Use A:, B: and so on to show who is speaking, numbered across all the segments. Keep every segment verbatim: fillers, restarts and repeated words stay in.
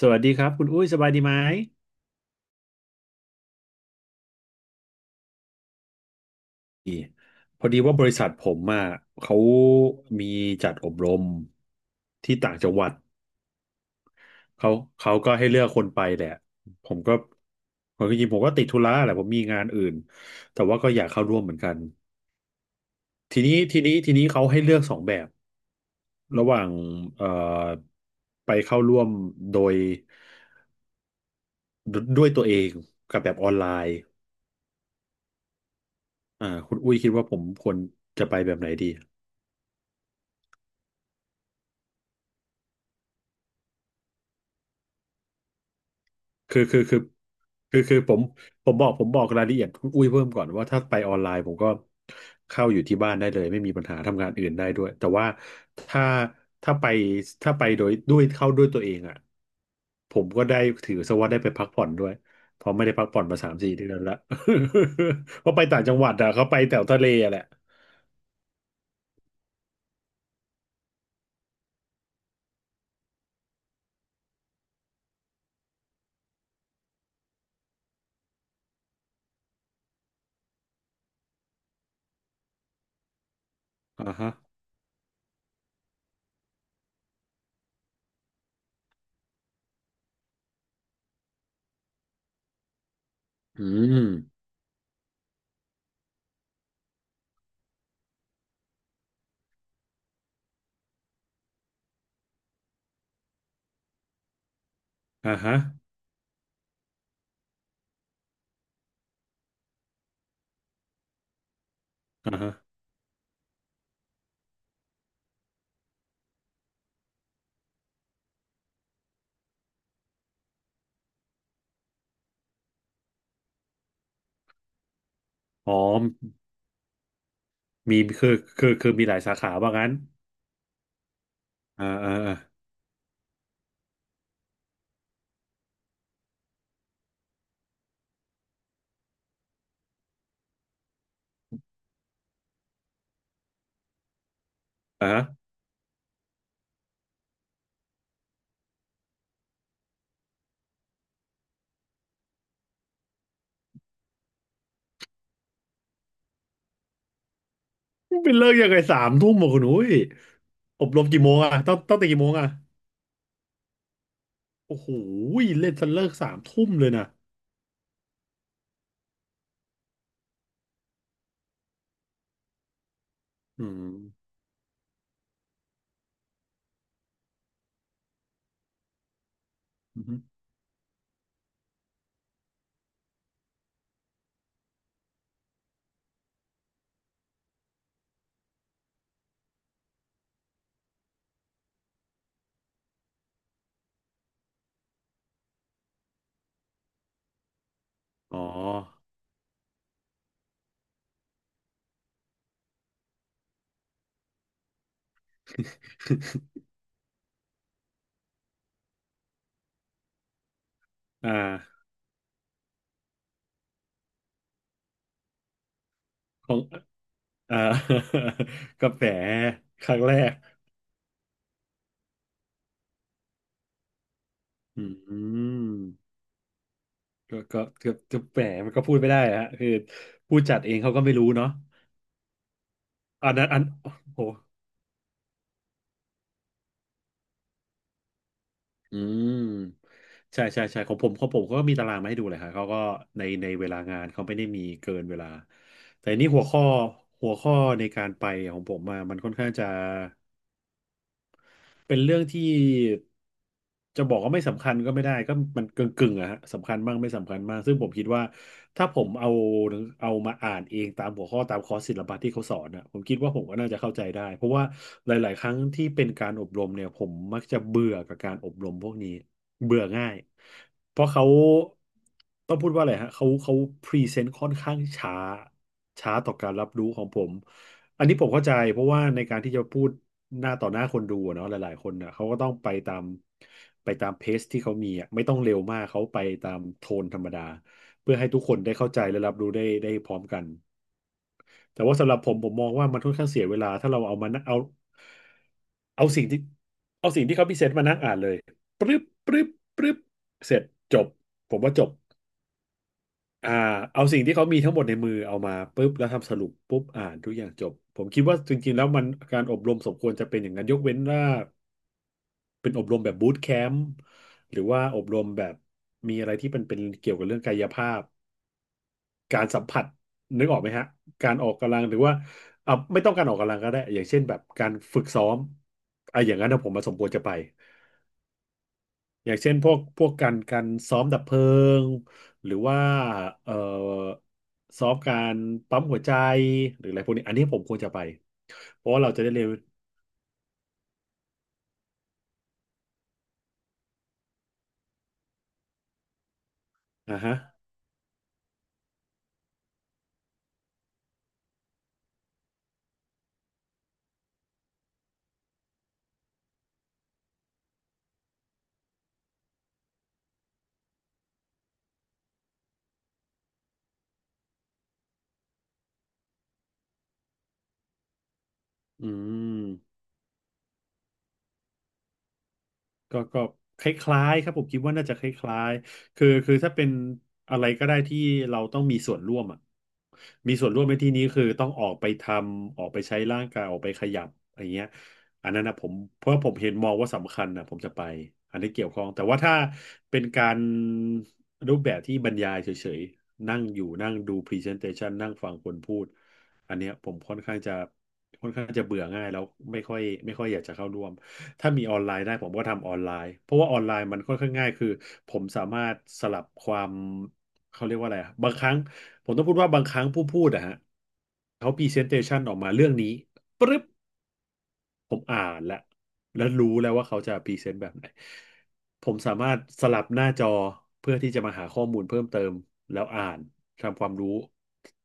A: สวัสดีครับคุณอุ้ยสบายดีไหมพอดีว่าบริษัทผมอ่ะเขามีจัดอบรมที่ต่างจังหวัดเขาเขาก็ให้เลือกคนไปแหละผมก็ผมจริงๆผมก็ติดธุระแหละผมมีงานอื่นแต่ว่าก็อยากเข้าร่วมเหมือนกันทีนี้ทีนี้ทีนี้เขาให้เลือกสองแบบระหว่างเอ่อไปเข้าร่วมโดยด้วยตัวเองกับแบบออนไลน์อ่าคุณอุ้ยคิดว่าผมควรจะไปแบบไหนดี คือคือคือคือคือผมผมบอกผมบอกรายละเอียดคุณอุ้ยเพิ่มก่อนว่าถ้าไปออนไลน์ผมก็เข้าอยู่ที่บ้านได้เลยไม่มีปัญหาทำงานอื่นได้ด้วยแต่ว่าถ้าถ้าไปถ้าไปโดยด้วยเข้าด้วยตัวเองอ่ะผมก็ได้ถือซะว่าได้ไปพักผ่อนด้วยเพราะไม่ได้พักผ่อนมาสามสี่เดือนละ เพราะไปต่างจังหวัดอ่ะเขาไปแถวทะเลอะแหละอ่าฮะอืมอ่าฮะอ่าฮะอ๋อมีคือคือคือมีหลายสาขาว่างั้นอ่าอ่าอ่าอ่า เป็นเลิกยังไงสามทุ่มอ่ะคุณอุ้ยอบรมกี่โมงอ่ะต้องต้องตีกี่โมงอ่ะโอ้โหเล่นจนเลิกสามทุ่มเลยนะอืมอือฮึอ๋อ อ่าของอ่า กาแฟครั้งแรกอืมก็ก็ก็ก็แหมมันก็พูดไม่ได้ฮะคือผู้จัดเองเขาก็ไม่รู้เนาะอันนั้นอันโอ้โห อืมใช่ใช่ใช่ของผมของผมเขาก็มีตารางมาให้ดูเลยครับเขาก็ในในเวลางานเขาไม่ได้มีเกินเวลาแต่นี่หัวข้อหัวข้อในการไปของผมมามันค่อนข้างจะ เป็นเรื่องที่จะบอกว่าไม่สำคัญก็ไม่ได้ก็มันกึ่งกึ่งอะฮะสำคัญบ้างไม่สำคัญบ้างซึ่งผมคิดว่าถ้าผมเอาเอามาอ่านเองตามหัวข้อตามคอร์สศิลปะที่เขาสอนอะผมคิดว่าผมก็น่าจะเข้าใจได้เพราะว่าหลายๆครั้งที่เป็นการอบรมเนี่ยผมมักจะเบื่อกับการอบรมพวกนี้เบื่อง่ายเพราะเขาต้องพูดว่าอะไรฮะเขาเขาพรีเซนต์ค่อนข้างช้า ช้าต่อการรับรู้ของผม อันนี้ผมเข้าใจเพราะว่าในการที่จะพูดหน้าต่อหน้าคนดูอะเนาะหลายๆคนน่ะเขาก็ต้องไปตามไปตามเพจที่เขามีอ่ะไม่ต้องเร็วมากเขาไปตามโทนธรรมดาเพื่อให้ทุกคนได้เข้าใจและรับรู้ได้ได้พร้อมกันแต่ว่าสำหรับผมผมมองว่ามันค่อนข้างเสียเวลาถ้าเราเอามานั่งเอาเอาสิ่งที่เอาสิ่งที่เขาพิเศษมานั่งอ่านเลยปรึ๊บปรึ๊บปรึ๊บเสร็จจบผมว่าจบ อ่าเอาสิ่งที่เขามีทั้งหมดในมือเอามาปุ๊บแล้วทำสรุปปุ๊บอ่านทุกอย่างจบผมคิดว่าจริงๆแล้วมันการอบรมสมควรจะเป็นอย่างนั้นยกเว้นว่าเป็นอบรมแบบบูตแคมป์หรือว่าอบรมแบบมีอะไรที่มันเป็นเกี่ยวกับเรื่องกายภาพการสัมผัสนึกออกไหมฮะการออกกำลังหรือว่าอ่าไม่ต้องการออกกำลังก็ได้อย่างเช่นแบบการฝึกซ้อมอ่ะอย่างนั้นนะผมมาสมควรจะไป อย่างเช่นพวกพวกการการซ้อมดับเพลิงหรือว่าเอ่อซ้อมการปั๊มหัวใจหรืออะไรพวกนี้อันนี้ผมควรจะไปเพราะว่าเราจะได้เรียนอ่าฮะอืม ก็ก็คล้ายๆครับผมคิดว่าน่าจะคล้ายๆคือคือถ้าเป็นอะไรก็ได้ที่เราต้องมีส่วนร่วมอ่ะมีส่วนร่วมในที่นี้คือต้องออกไปทำออกไปใช้ร่างกายออกไปขยับอะไรเงี้ยอันนั้นนะผมเพราะผมเห็นมองว่าสำคัญนะผมจะไปอันนี้เกี่ยวข้องแต่ว่าถ้าเป็นการรูปแบบที่บรรยายเฉยๆนั่งอยู่นั่งดู presentation นั่งฟังคนพูดอันเนี้ยผมค่อนข้างจะค่อนข้างจะเบื่อง่ายแล้วไม่ค่อยไม่ค่อยอยากจะเข้าร่วม ถ้ามีออนไลน์ได้ผมก็ทำออนไลน์เพราะว่าออนไลน์มันค่อนข้างง่ายคือผมสามารถสลับความเขาเรียกว่าอะไรอะบางครั้งผมต้องพูดว่าบางครั้งผู้พูดอะฮะเขาพรีเซนเ t ชันออกมาเรื่องนี้ปึ๊บ ผมอ่านแล้วแล้วรู้แล้วว่าเขาจะพรีเซนต์แบบไหนผมสามารถสลับหน้าจอเพื่อที่จะมาหาข้อมูลเพิ่มเติมแล้วอ่านทำความรู้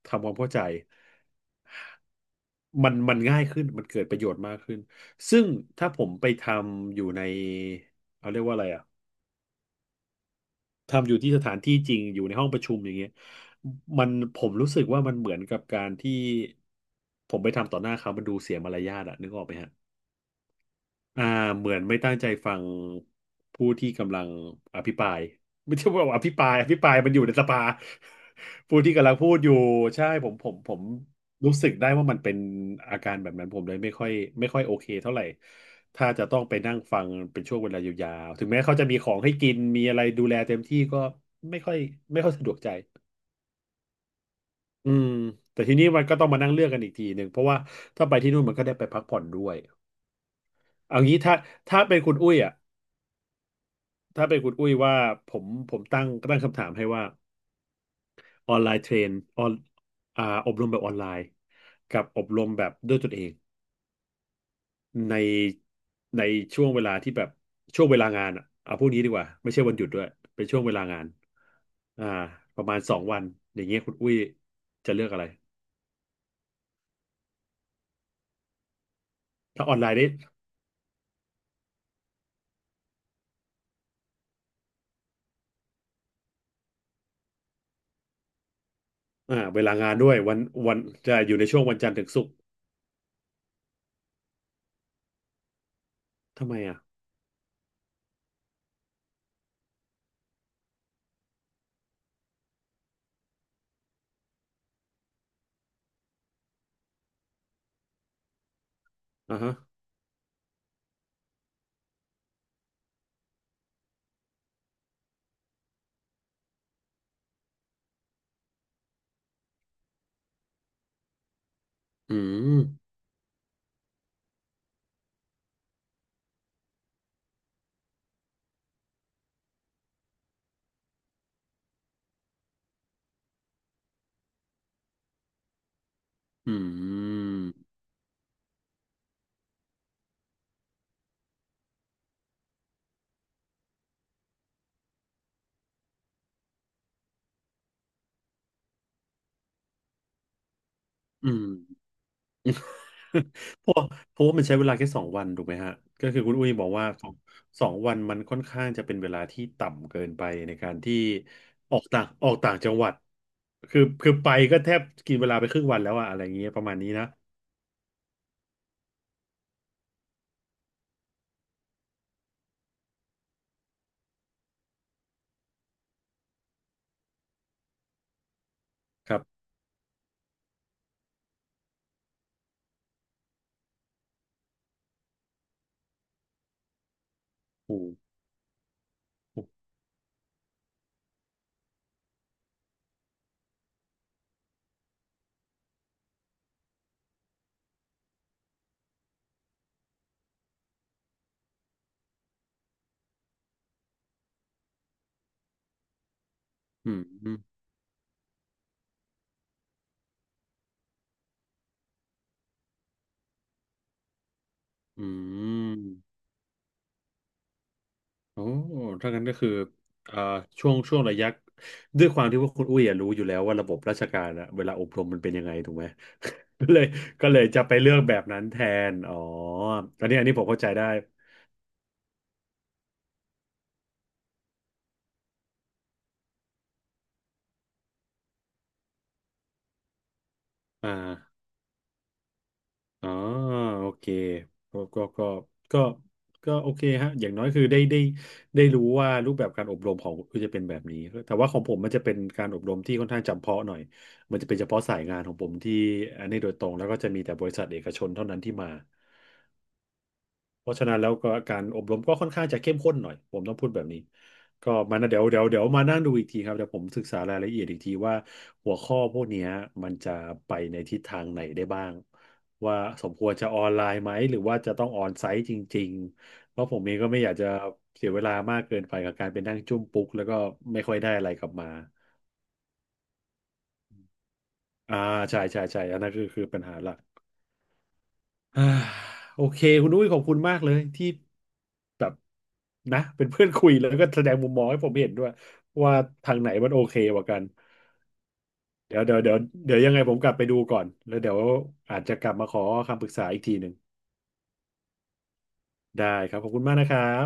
A: ทำความเข้าใจมันมันง่ายขึ้นมันเกิดประโยชน์มากขึ้นซึ่งถ้าผมไปทำอยู่ในเขาเรียกว่าอะไรอ่ะทำอยู่ที่สถานที่จริงอยู่ในห้องประชุมอย่างเงี้ยมันผมรู้สึกว่ามันเหมือนกับการที่ผมไปทำต่อหน้าเขามันดูเสียมารยาทอะนึกออกไหมฮะ อ่าเหมือนไม่ตั้งใจฟังผู้ที่กำลังอภิปราย ไม่ใช่ว่าอภิปรายอภิปรายมันอยู่ในสภา ผู้ที่กำลังพูดอยู่ใช่ผมผมผมรู้สึกได้ว่ามันเป็นอาการแบบนั้นผมเลยไม่ค่อยไม่ค่อยโอเคเท่าไหร่ถ้าจะต้องไปนั่งฟังเป็นช่วงเวลายาวๆถึงแม้เขาจะมีของให้กินมีอะไรดูแลเต็มที่ก็ไม่ค่อยไม่ค่อยสะดวกใจอืมแต่ทีนี้มันก็ต้องมานั่งเลือกกันอีกทีหนึ่งเพราะว่าถ้าไปที่นู่นมันก็ได้ไปพักผ่อนด้วยเอางี้ถ้าถ้าเป็นคุณอุ้ยอ่ะ ถ้าเป็นคุณอุ้ยว่าผมผมตั้งตั้งคำถามให้ว่าออนไลน์เทรนออนอ่าอบรมแบบออนไลน์กับอบรมแบบด้วยตนเองในในช่วงเวลาที่แบบช่วงเวลางานอ่ะเอาพวกนี้ดีกว่าไม่ใช่วันหยุดด้วยเป็นช่วงเวลางานอ่าประมาณสองวันอย่างเงี้ยคุณอุ้ยจะเลือกอะไรถ้าออนไลน์ได้อ่าเวลางานด้วยวันวันจะอยู่ในช่วงวันจันทร์ถึงศุกร์ทำไมอ่ะอ่าฮะอืมอืมอืม เพราะเพราะว่ามันใช้เวลาแค่สองวันถูกไหมฮะก็คือคุณอุ้ยบอกว่าสองสองวันมันค่อนข้างจะเป็นเวลาที่ต่ำเกินไปในการที่ออกต่างออกต่างจังหวัดคือคือไปก็แทบกินเวลาไปครึ่งวันแล้วอะอะไรอย่างเงี้ยประมาณนี้นะครับอืมอืมอืม โอ้ถ้างั้นก็คือเอ่อช่วงช่วงระยะด้วยความที่ว่าคุณอุ้ยอะรู้อยู่แล้วว่าระบบราชการอะเวลาอบรมมันเป็นยังไงถูกไหม ก็เลยก็เลยจะไปเลือกแบบนั้นแทนอ๋ออันนี้อันนี้ผมเข้าใจได้อ่าอ๋อโอเคก็ก็ก็ก็ก็โอเคฮะอย่างน้อยคือได้ได้ได้รู้ว่ารูปแบบการอบรมของคุณจะเป็นแบบนี้แต่ว่าของผมมันจะเป็นการอบรมที่ค่อนข้างจำเพาะหน่อยมันจะเป็นเฉพาะสายงานของผมที่อันนี้โดยตรงแล้วก็จะมีแต่บริษัทเอกชนเท่านั้นที่มา เพราะฉะนั้นแล้วก็การอบรมก็ค่อนข้างจะเข้มข้นหน่อยผมต้องพูดแบบนี้ก็มานะเดี๋ยวเดี๋ยวเดี๋ยวมานั่งดูอีกทีครับเดี๋ยวผมศึกษารายละเอียดอีกทีว่าหัวข้อพวกเนี้ยมันจะไปในทิศทางไหนได้บ้างว่าสมควรจะออนไลน์ไหมหรือว่าจะต้องออนไซต์จริงๆเพราะผมเองก็ไม่อยากจะเสียเวลามากเกินไปกับการไปนั่งจุ้มปุ๊กแล้วก็ไม่ค่อยได้อะไรกลับมาอ่าใช่ใช่ใช่อันนั้นคือคือปัญหาหลัก อ่าโอเคคุณอุ้ยขอบคุณมากเลยที่ แบบนะเป็นเพื่อนคุยแล้วก็แสดงมุมมองให้ผมเห็นด้วยว่าทางไหนมันโอเคกว่ากันเดี๋ยวเดี๋ยวเดี๋ยวเดี๋ยวยังไงผมกลับไปดูก่อนแล้วเดี๋ยวอาจจะกลับมาขอคำปรึกษาอีกทีหนึ่งได้ครับขอบคุณมากนะครับ